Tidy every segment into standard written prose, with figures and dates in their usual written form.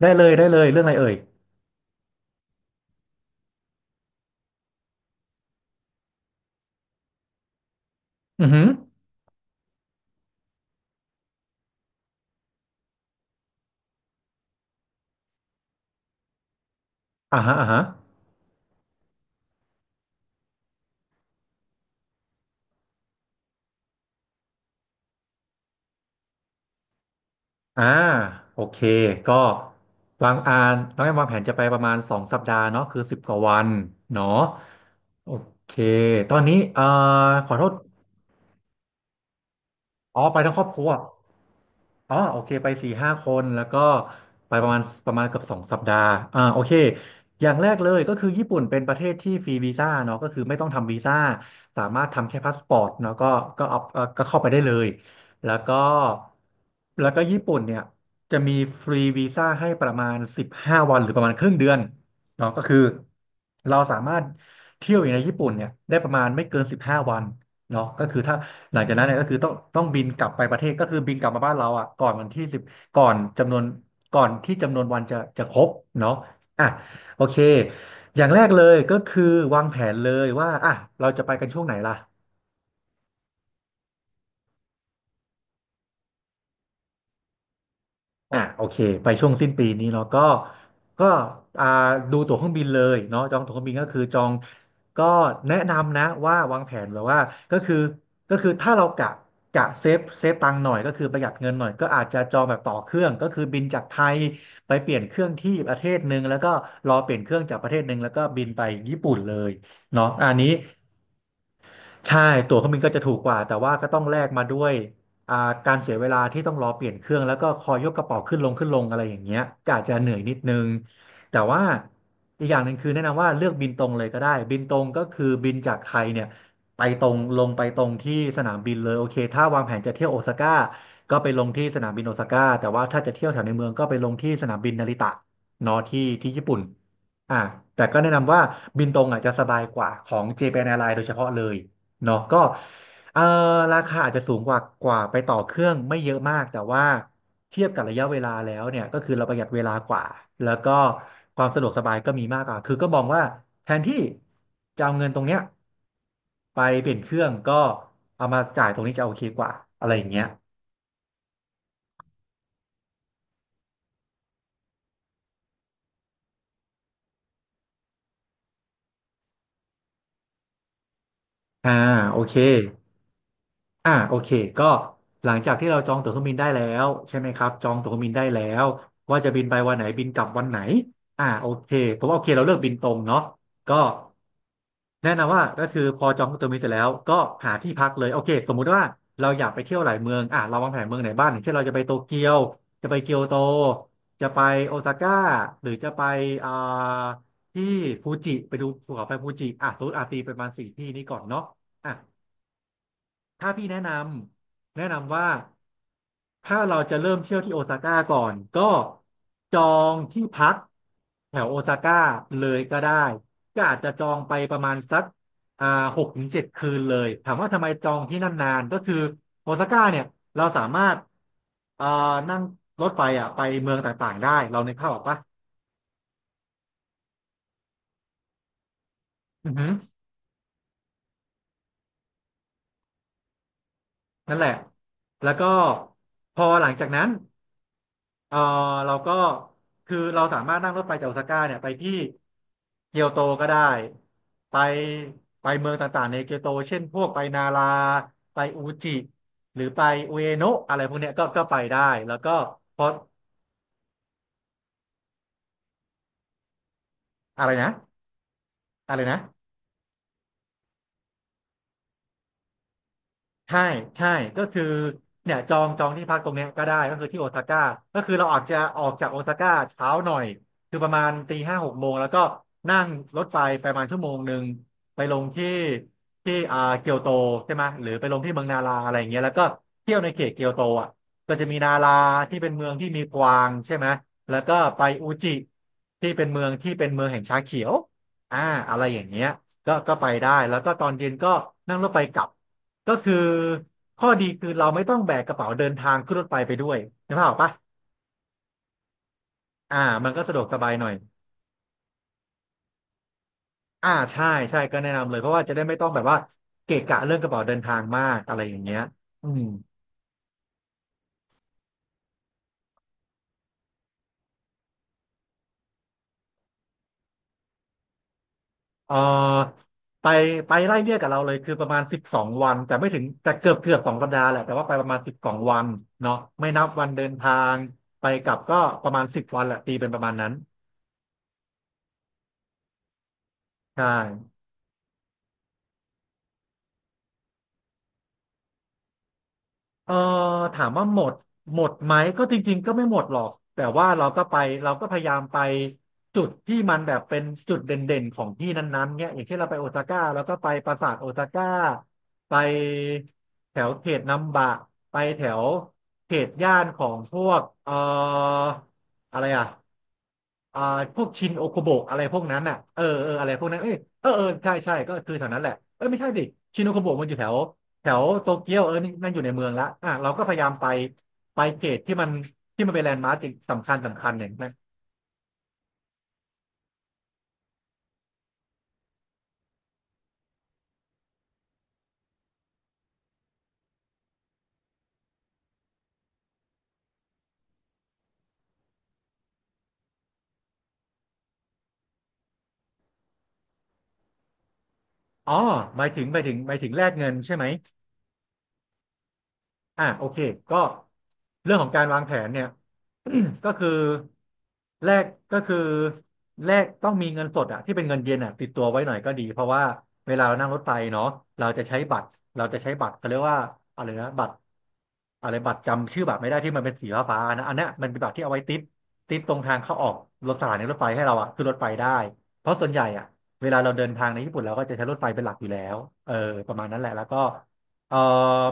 ได้เลยได้เลยเรื่องอะไรเอ่ยอือหืออ่าฮะอ่าฮะอ่าโอเค ก็วางอ่านน้องแอมวางแผนจะไปประมาณสองสัปดาห์เนาะคือสิบกว่าวันเนาะโอเค ตอนนี้ขอโทษอ๋อไปทั้งครอบครัว อ๋อโอเคไปสี่ห้าคนแล้วก็ไปประมาณเกือบสองสัปดาห์อ่าโอเคอย่างแรกเลยก็คือญี่ปุ่นเป็นประเทศที่ฟรีวีซ่าเนาะก็คือไม่ต้องทำวีซ่าสามารถทำแค่พาสปอร์ตเนาะก็ก็เอาก็เข้าไปได้เลยแล้วก็แล้วก็ญี่ปุ่นเนี่ยจะมีฟรีวีซ่าให้ประมาณสิบห้าวันหรือประมาณครึ่งเดือนเนาะก็คือเราสามารถเที่ยวอยู่ในญี่ปุ่นเนี่ยได้ประมาณไม่เกินสิบห้าวันเนาะก็คือถ้า หลังจากนั้นเนี่ยก็คือต้องบินกลับไปประเทศก็คือบินกลับมาบ้านเราอ่ะก่อนวันที่สิบก่อนจำนวนก่อนที่จำนวนวันจะครบเนาะอ่ะโอเคอย่างแรกเลยก็คือวางแผนเลยว่าอ่ะเราจะไปกันช่วงไหนล่ะ อ่ะโอเคไปช่วงสิ้นปีนี้เนาะก็ก็อ่าดูตั๋วเครื่องบินเลยเนาะจองตั๋วเครื่องบินก็คือจองก็แนะนำนะว่าวางแผนแบบว่าก็คือก็คือถ้าเรากะเซฟตังค์หน่อยก็คือประหยัดเงินหน่อยก็อาจจะจองแบบต่อเครื่องก็คือบินจากไทยไปเปลี่ยนเครื่องที่ประเทศหนึ่งแล้วก็รอเปลี่ยนเครื่องจากประเทศหนึ่งแล้วก็บินไปญี่ปุ่นเลยเนาะอันนี้ ใช่ตั๋วเครื่องบินก็จะถูกกว่าแต่ว่าก็ต้องแลกมาด้วยอ่าการเสียเวลาที่ต้องรอเปลี่ยนเครื่องแล้วก็คอยยกกระเป๋าขึ้นลงขึ้นลงอะไรอย่างเงี้ยก็อาจจะเหนื่อยนิดนึงแต่ว่าอีกอย่างหนึ่งคือแนะนำว่าเลือกบินตรงเลยก็ได้บินตรงก็คือบินจากไทยเนี่ยไปตรงลงไปตรงที่สนามบินเลยโอเคถ้าวางแผนจะเที่ยวโอซาก้าก็ไปลงที่สนามบินโอซาก้าแต่ว่าถ้าจะเที่ยวแถวในเมืองก็ไปลงที่สนามบินนาริตะเนอะที่ที่ญี่ปุ่นอ่าแต่ก็แนะนำว่าบินตรงอ่ะจะสบายกว่าของเจแปนแอ r ์ i ลน์โดยเฉพาะเลย เนาะก็เอ่อราคาอาจจะสูงกว่าไปต่อเครื่องไม่เยอะมากแต่ว่าเทียบกับระยะเวลาแล้วเนี่ยก็คือเราประหยัดเวลากว่าแล้วก็ความสะดวกสบายก็มีมากกว่าคือก็มองว่าแทนที่จะเอาเงินตรงเนี้ยไปเปลี่ยนเครื่องก็เอามาจ่ายตรงนี้จะโอเคกว่าอะไรอย่างเงี้ยอ่าโอเค อ่าโอเคก็หลังจากที่เราจองตั๋วเครื่องบินได้แล้วใช่ไหมครับจองตั๋วเครื่องบินได้แล้วว่าจะบินไปวันไหนบินกลับวันไหนอ่าโอเคผมว่าโอเคเราเลือกบินตรงเนาะก็แนะนำว่าก็คือพอจองตั๋วเครื่องบินเสร็จแล้วก็หาที่พักเลยโอเคสมมุติว่าเราอยากไปเที่ยวหลายเมืองอ่าเราวางแผนเมืองไหนบ้างอย่างเช่นเราจะไปโตเกียวจะไปเกียวโตจะไปโอซาก้าหรือจะไปอ่าที่ฟูจิไปดูภูเขาไฟฟูจิอ่ะสมมติอาตีไปประมาณสี่ที่นี้ก่อนเนาะอ่ะ ถ้าพี่แนะนำว่าถ้าเราจะเริ่มเที่ยวที่โอซาก้าก่อนก็จองที่พักแถวโอซาก้าเลยก็ได้ก็อาจจะจองไปประมาณสักอ่าหกถึงเจ็ดคืนเลยถามว่าทำไมจองที่นั่นนานก็คือโอซาก้าเนี่ยเราสามารถอ่านั่งรถไฟอ่ะไปเมืองต่างๆได้เราในกภาพออกปะอือฮึนั่นแหละแล้วก็พอหลังจากนั้น เออเราก็คือเราสามารถนั่งรถไฟจากโอซาก้าเนี่ยไปที่เกียวโตก็ได้ไปไปเมืองต่างๆในเกียวโตเช่นพวกไปนาราไปอูจิหรือไปอุเอโนะอะไรพวกเนี้ยก็ก็ไปได้แล้วก็พออะไรนะอะไรนะ ใช่ใช่ก็คือเนี่ยจองที่พักตรงเนี้ยก็ได้ก็คือที่โอซาก้าก็คือเราอาจจะออกจากโอซาก้าเช้าหน่อยคือประมาณตีห้าหกโมงแล้วก็นั่งรถไฟไปประมาณชั่วโมงหนึ่งไปลงที่ที่เกียวโตใช่ไหมหรือไปลงที่เมืองนาราอะไรอย่างเงี้ยแล้วก็เที่ยวในเขตเกียวโตอ่ะก็จะมีนาราที่เป็นเมืองที่มีกวางใช่ไหมแล้วก็ไปอุจิที่เป็นเมืองแห่งชาเขียวอ่าอะไรอย่างเงี้ยก็ไปได้แล้วก็ตอนเย็นก็นั่งรถไฟกลับ ก็คือข้อดีคือเราไม่ต้องแบกกระเป๋าเดินทางขึ้นรถไฟไปด้วยนะพ่ออกปะอ่ามันก็สะดวกสบายหน่อยอ่าใช่ใช่ก็แนะนำเลยเพราะว่าจะได้ไม่ต้องแบบว่าเกะกะเรื่องกระเป๋าเดินทางมากอะไรอย่างเงี้ยอืมเออไปไปไล่เลี่ยกับเราเลยคือประมาณสิบสองวันแต่ไม่ถึงแต่เกือบสองสัปดาห์แหละแต่ว่าไปประมาณสิบสองวันเนาะไม่นับวันเดินทางไปกลับก็ประมาณสิบวันแหละตีเป็นประมาณนั้นใช่ เออถามว่าหมดหมดไหมก็จริงๆก็ไม่หมดหรอกแต่ว่าเราก็ไปเราก็พยายามไปจุดที่มันแบบเป็นจุดเด่นๆของที่นั้นๆเนี่ยอย่างเช่นเราไปโอซาก้าเราก็ไปปราสาทโอซาก้าไปแถวเขตนัมบะไปแถวเขตย่านของพวกอะไรอ่ะ อ่าพวกชินโอโคโบะอะไรพวกนั้นอ่ะเอออะไรพวกนั้นเอ้ยเออใช่ใช่ก็คือแถวนั้นแหละเออไม่ใช่ดิชินโอโคโบะมันอยู่แถวแถวโตเกียวเออนี่นั่นอยู่ในเมืองละอ่ะเราก็พยายามไปไปเกตที่มันเป็นแลนด์มาร์คสำคัญอย่างนั้นอ๋อหมายถึงหมายถึงหมายถึงแลกเงินใช่ไหม อ่าโอเคก็เรื่องของการวางแผนเนี่ย ก็คือแรกก็คือต้องมีเงินสดอะที่เป็นเงินเยนอะติดตัวไว้หน่อยก็ดีเพราะว่าเวลาเรานั่งรถไฟเนาะเราจะใช้บัตรเราจะใช้บัตรเขาเรียกว่าอะไรนะบัตรอะไรบัตรจำชื่อบัตรไม่ได้ที่มันเป็นสีฟ้าๆนะอันเนี้ยมันเป็นบัตรที่เอาไว้ติดตรงทางเข้าออกรถสถานีรถไฟให้เราอะคือรถไฟได้เพราะส่วนใหญ่อะเวลาเราเดินทางในญี่ปุ่นเราก็จะใช้รถไฟเป็นหลักอยู่แล้วเออประมาณนั้นแหละแล้วก็ เอ่อ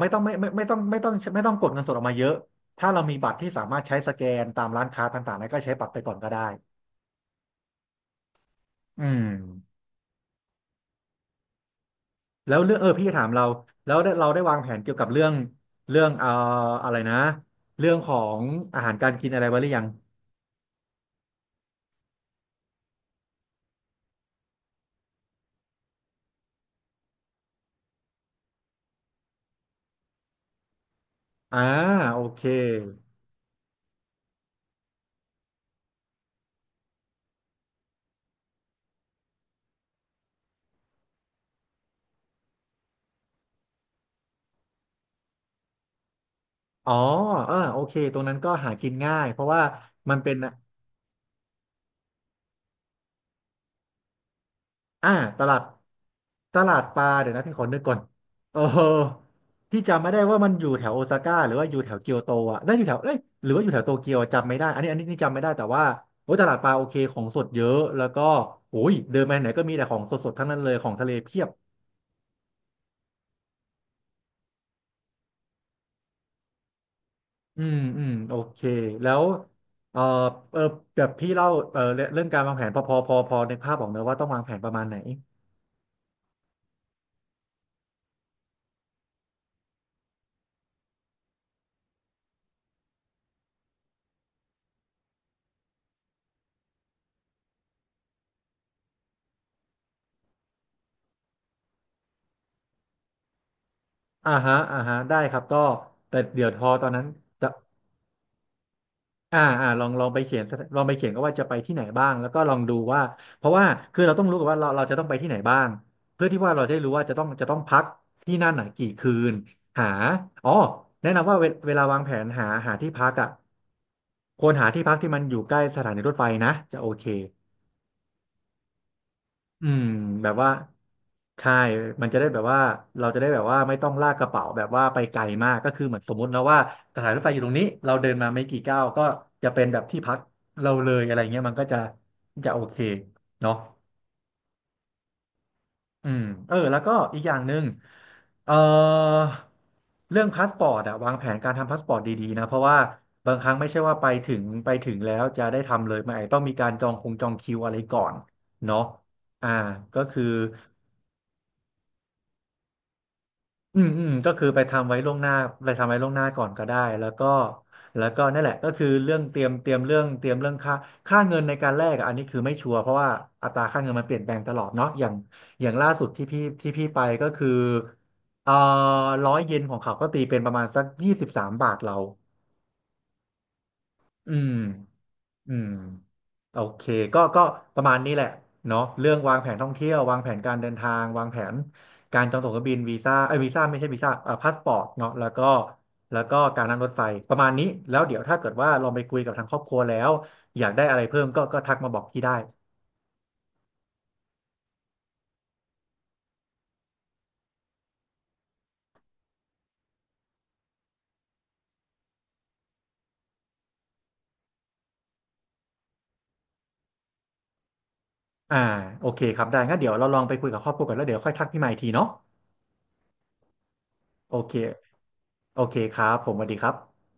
ไม่ต้องไม่ไม่ไม่ต้องไม่ต้องไม่ต้องกดเงินสดออกมาเยอะถ้าเรามีบัตรที่สามารถใช้สแกนตามร้านค้าต่างๆแล้วก็ใช้บัตรไปก่อนก็ได้อืมแล้วเรื่องเออพี่จะถามเราแล้วได้เราได้วางแผนเกี่ยวกับเรื่องเรื่องเอ่ออะไรนะเรื่องของอาหารการกินอะไรไว้หรือยังอ่าโอเคอ๋อเออโอเคตรงนั้นก็หากินง่ายเพราะว่ามันเป็น อ่าตลาดปลาเดี๋ยวนะพี่ขอนึกก่อนเออพี่จำไม่ได้ว่ามันอยู่แถวโอซาก้าหรือว่าอยู่แถวเกียวโตอ่ะน่าอยู่แถวเอ้ยหรือว่าอยู่แถวโตเกียวจำไม่ได้อันนี้จำไม่ได้แต่ว่าโอ้ยตลาดปลาโอเคของสดเยอะแล้วก็โอ้ยเดินไปไหนก็มีแต่ของสดๆทั้งนั้นเลยของทะเลเพียบอืมอืมโอเคแล้วเออเออแบบพี่เล่าเออเรื่องการวางแผนพอในภาพบอกเนอะว่าต้องวางแผนประมาณไหนอ่าฮะอ่าฮะได้ครับก็แต่เดี๋ยวทอตอนนั้น อ่าอ่าลองไปเขียนลองไปเขียนก็ว่าจะไปที่ไหนบ้างแล้วก็ลองดูว่าเพราะว่าคือเราต้องรู้กันว่าเราจะต้องไปที่ไหนบ้างเพื่อที่ว่าเราจะได้รู้ว่าจะต้องพักที่นั่นไหนกี่คืนหาอ๋อแนะนำว่าเวลาวางแผนหาที่พักอ่ะควรหาที่พักที่มันอยู่ใกล้สถานีรถไฟนะจะโอเค อืมแบบว่าใช่มันจะได้แบบว่าเราจะได้แบบว่าไม่ต้องลากกระเป๋าแบบว่าไปไกลมากก็คือเหมือนสมมตินะว่าสถานรถไฟอยู่ตรงนี้เราเดินมาไม่กี่ก้าวก็จะเป็นแบบที่พักเราเลยอะไรเงี้ยมันก็จะโอเคเนาะอืมเออแล้วก็อีกอย่างหนึ่งเอ่อเรื่องพาสปอร์ตอะวางแผนการทำพาสปอร์ตดีๆนะเพราะว่าบางครั้งไม่ใช่ว่าไปถึงแล้วจะได้ทำเลยมันอาจจะต้องมีการจองจองคิวอะไรก่อนเนาะอ่าก็คือ อืมอืมก็คือไปทำไว้ล่วงหน้าไปทำไว้ล่วงหน้าก่อนก็ได้แล้วก็นั่นแหละก็คือเรื่องเตรียมเรื่องเตรียมเรื่องค่าเงินในการแลกอะอันนี้คือไม่ชัวร์เพราะว่าอัตราค่าเงินมันเปลี่ยนแปลงตลอดเนาะอย่างล่าสุดที่พี่ไปก็คือเอ่อ100เยนของเขาก็ตีเป็นประมาณสัก23บาทเราอืม อืมโอเคก็ประมาณนี้แหละเนาะเรื่องวางแผนท่องเที่ยววางแผนการเดินทางวางแผนการจองตั๋วเครื่องบินวีซ่าไอ้ยวีซ่าไม่ใช่วีซ่าพาสปอร์ตเนาะแล้วก็การนั่งรถไฟประมาณนี้แล้วเดี๋ยวถ้าเกิดว่าลองไปคุยกับทางครอบครัวแล้วอยากได้อะไรเพิ่มก็ทักมาบอกพี่ได้อ่าโอเคครับได้งั้นเดี๋ยวเราลองไปคุยกับครอบครัวกันแล้วเดี๋ยวค่อยทักพี่ใหม่อีกทีเนาะโอเคโอเคครับผมสวัสดีครับ